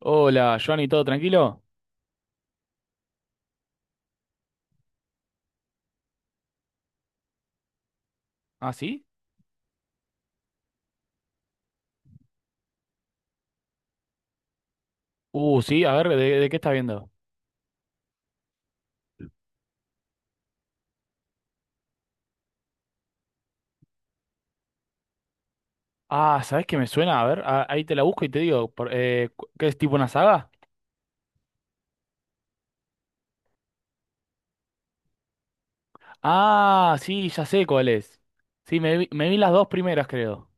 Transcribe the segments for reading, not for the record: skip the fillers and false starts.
Hola, Johnny, ¿todo tranquilo? ¿Ah, sí? Sí, a ver, ¿de qué estás viendo? Ah, ¿sabés qué me suena? A ver, ahí te la busco y te digo, ¿qué es tipo una saga? Ah, sí, ya sé cuál es. Sí, me vi las dos primeras, creo.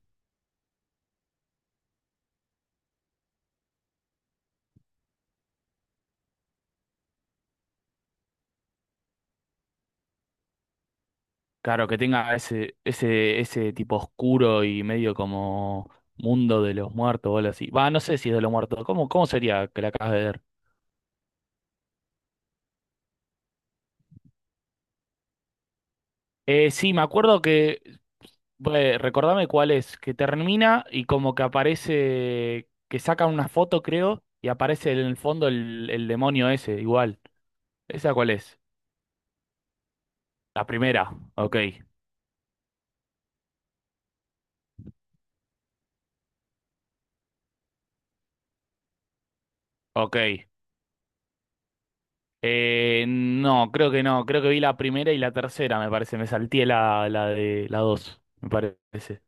Claro, que tenga ese tipo oscuro y medio como mundo de los muertos o algo así. Va, no sé si es de los muertos. ¿Cómo sería que la acabas de ver? Sí, me acuerdo que... Recordame cuál es, que termina y como que aparece, que sacan una foto, creo, y aparece en el fondo el demonio ese, igual. ¿Esa cuál es? La primera, ok, ok. No, creo que no, creo que vi la primera y la tercera, me parece, me salté la de la dos, me parece.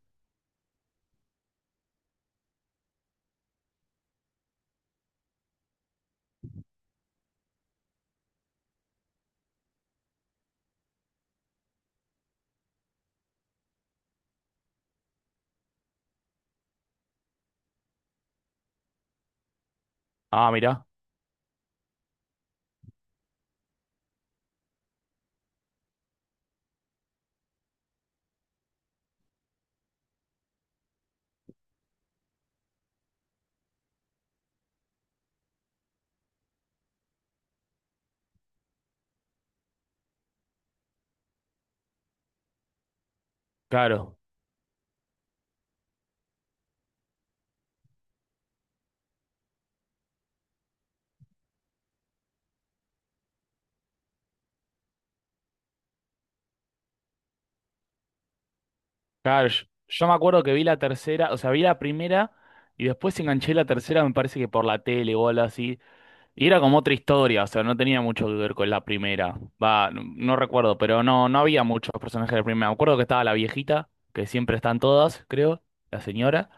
Ah, mirá, claro, claro, yo me acuerdo que vi la tercera, o sea, vi la primera y después enganché la tercera, me parece que por la tele o algo así. Y era como otra historia, o sea, no tenía mucho que ver con la primera. Va, no, no recuerdo, pero no, no había muchos personajes de la primera. Me acuerdo que estaba la viejita, que siempre están todas, creo, la señora,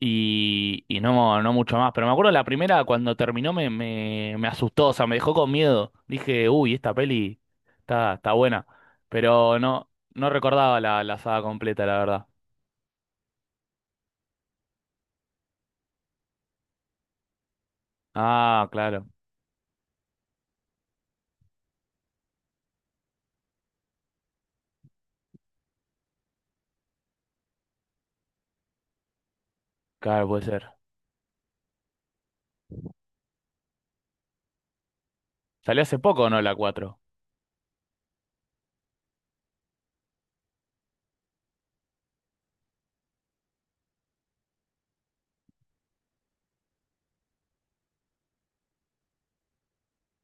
y, no, no mucho más. Pero me acuerdo la primera, cuando terminó, me asustó, o sea, me dejó con miedo. Dije, uy, esta peli está buena. Pero no, no recordaba la saga completa, la verdad. Ah, claro, claro, puede ser. Salió hace poco, ¿no? La cuatro.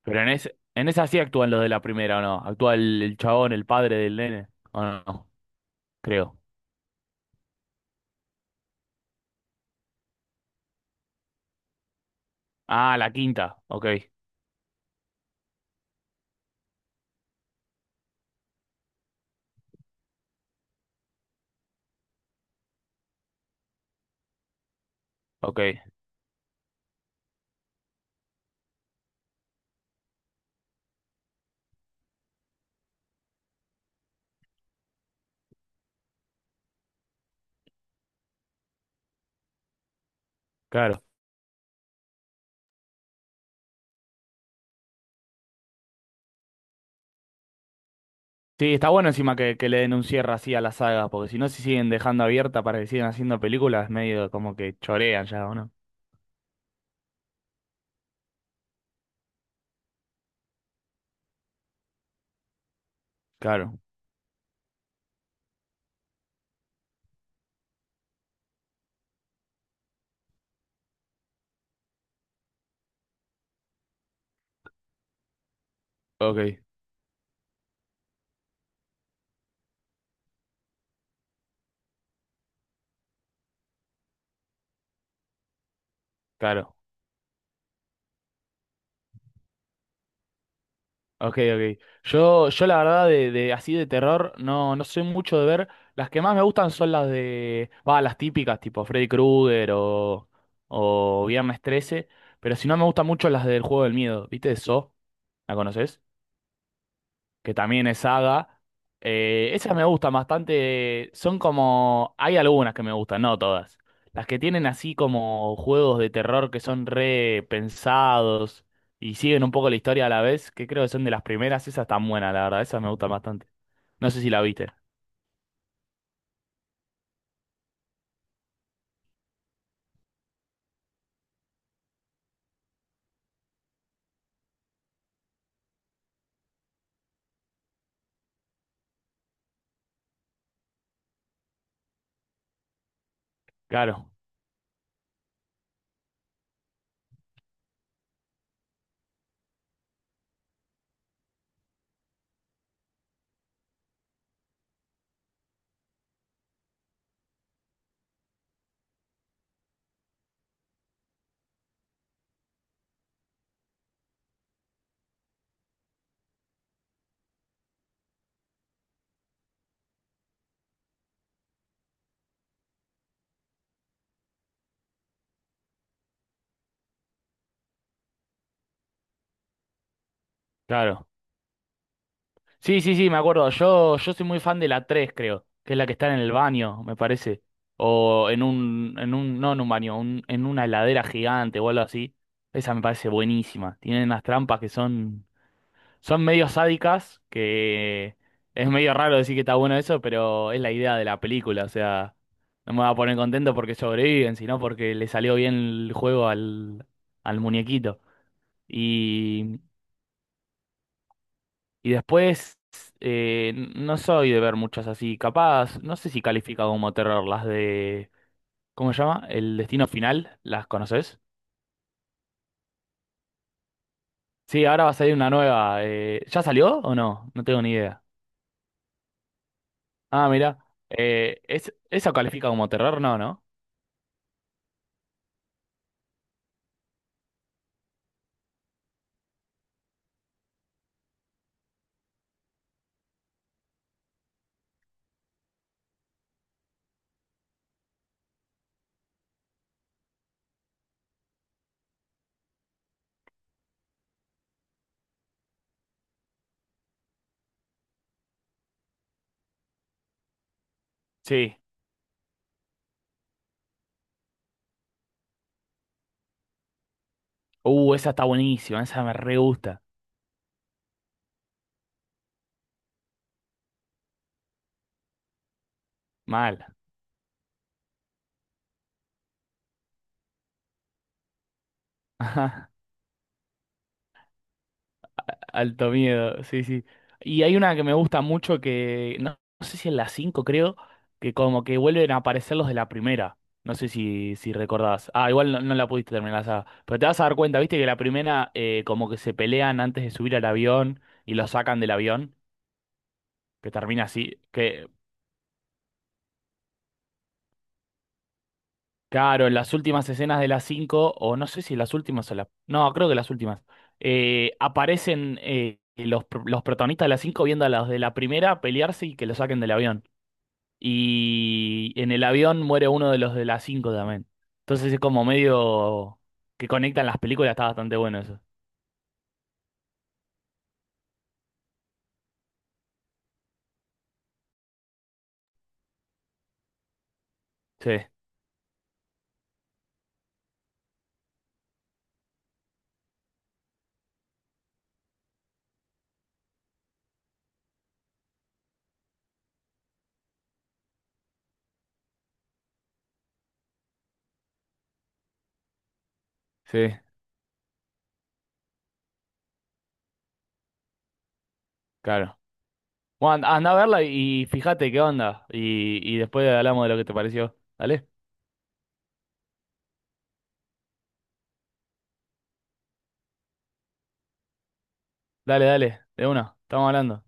Pero en, es, en esa sí actúan los de la primera, ¿o no? Actúa el chabón, el padre del nene. ¿O no? No, creo. Ah, la quinta. Ok, ok, claro. Sí, está bueno encima que le den un cierre así a la saga, porque si no se siguen dejando abierta para que sigan haciendo películas, medio como que chorean ya, ¿o no? Claro, ok, claro. Ok, ok. Yo la verdad de así de terror no, no soy mucho de ver. Las que más me gustan son las de, va, las típicas, tipo Freddy Krueger o Viernes trece. Pero si no me gustan mucho las del juego del miedo, ¿viste? Saw, ¿la conoces? Que también es saga. Esas me gustan bastante. Son como... Hay algunas que me gustan, no todas. Las que tienen así como juegos de terror que son re pensados y siguen un poco la historia a la vez, que creo que son de las primeras, esas tan buenas, la verdad, esas me gustan bastante. No sé si la viste. Claro, claro. Sí, sí, sí, me acuerdo. Yo soy muy fan de la tres, creo, que es la que está en el baño, me parece. O en un, no en un baño, en una heladera gigante o algo así. Esa me parece buenísima. Tienen unas trampas que son, son medio sádicas, que es medio raro decir que está bueno eso, pero es la idea de la película. O sea, no me va a poner contento porque sobreviven, sino porque le salió bien el juego al, al muñequito. Y después, no soy de ver muchas así. Capaz, no sé si califica como terror las de... ¿Cómo se llama? El Destino Final, ¿las conoces? Sí, ahora va a salir una nueva. Eh, ¿ya salió o no? No tengo ni idea. Ah, mira. ¿Es, ¿eso califica como terror? No, ¿no? Sí. Esa está buenísima, esa me re gusta. Mal. Alto miedo, sí, sí. Y hay una que me gusta mucho que, no, no sé si en la cinco, creo, que como que vuelven a aparecer los de la primera. No sé si, si recordás. Ah, igual no, no la pudiste terminar la saga. Pero te vas a dar cuenta, viste, que la primera como que se pelean antes de subir al avión y lo sacan del avión, que termina así. Que, claro, en las últimas escenas de la 5 o no sé si en las últimas o las... No, creo que las últimas. Aparecen los, los protagonistas de la 5 viendo a los de la primera pelearse y que lo saquen del avión. Y en el avión muere uno de los de las cinco también. Entonces es como medio que conectan las películas, está bastante bueno eso. Sí, sí, claro. Bueno, anda a verla y fíjate qué onda. Y después hablamos de lo que te pareció. Dale, dale, dale, de una, estamos hablando.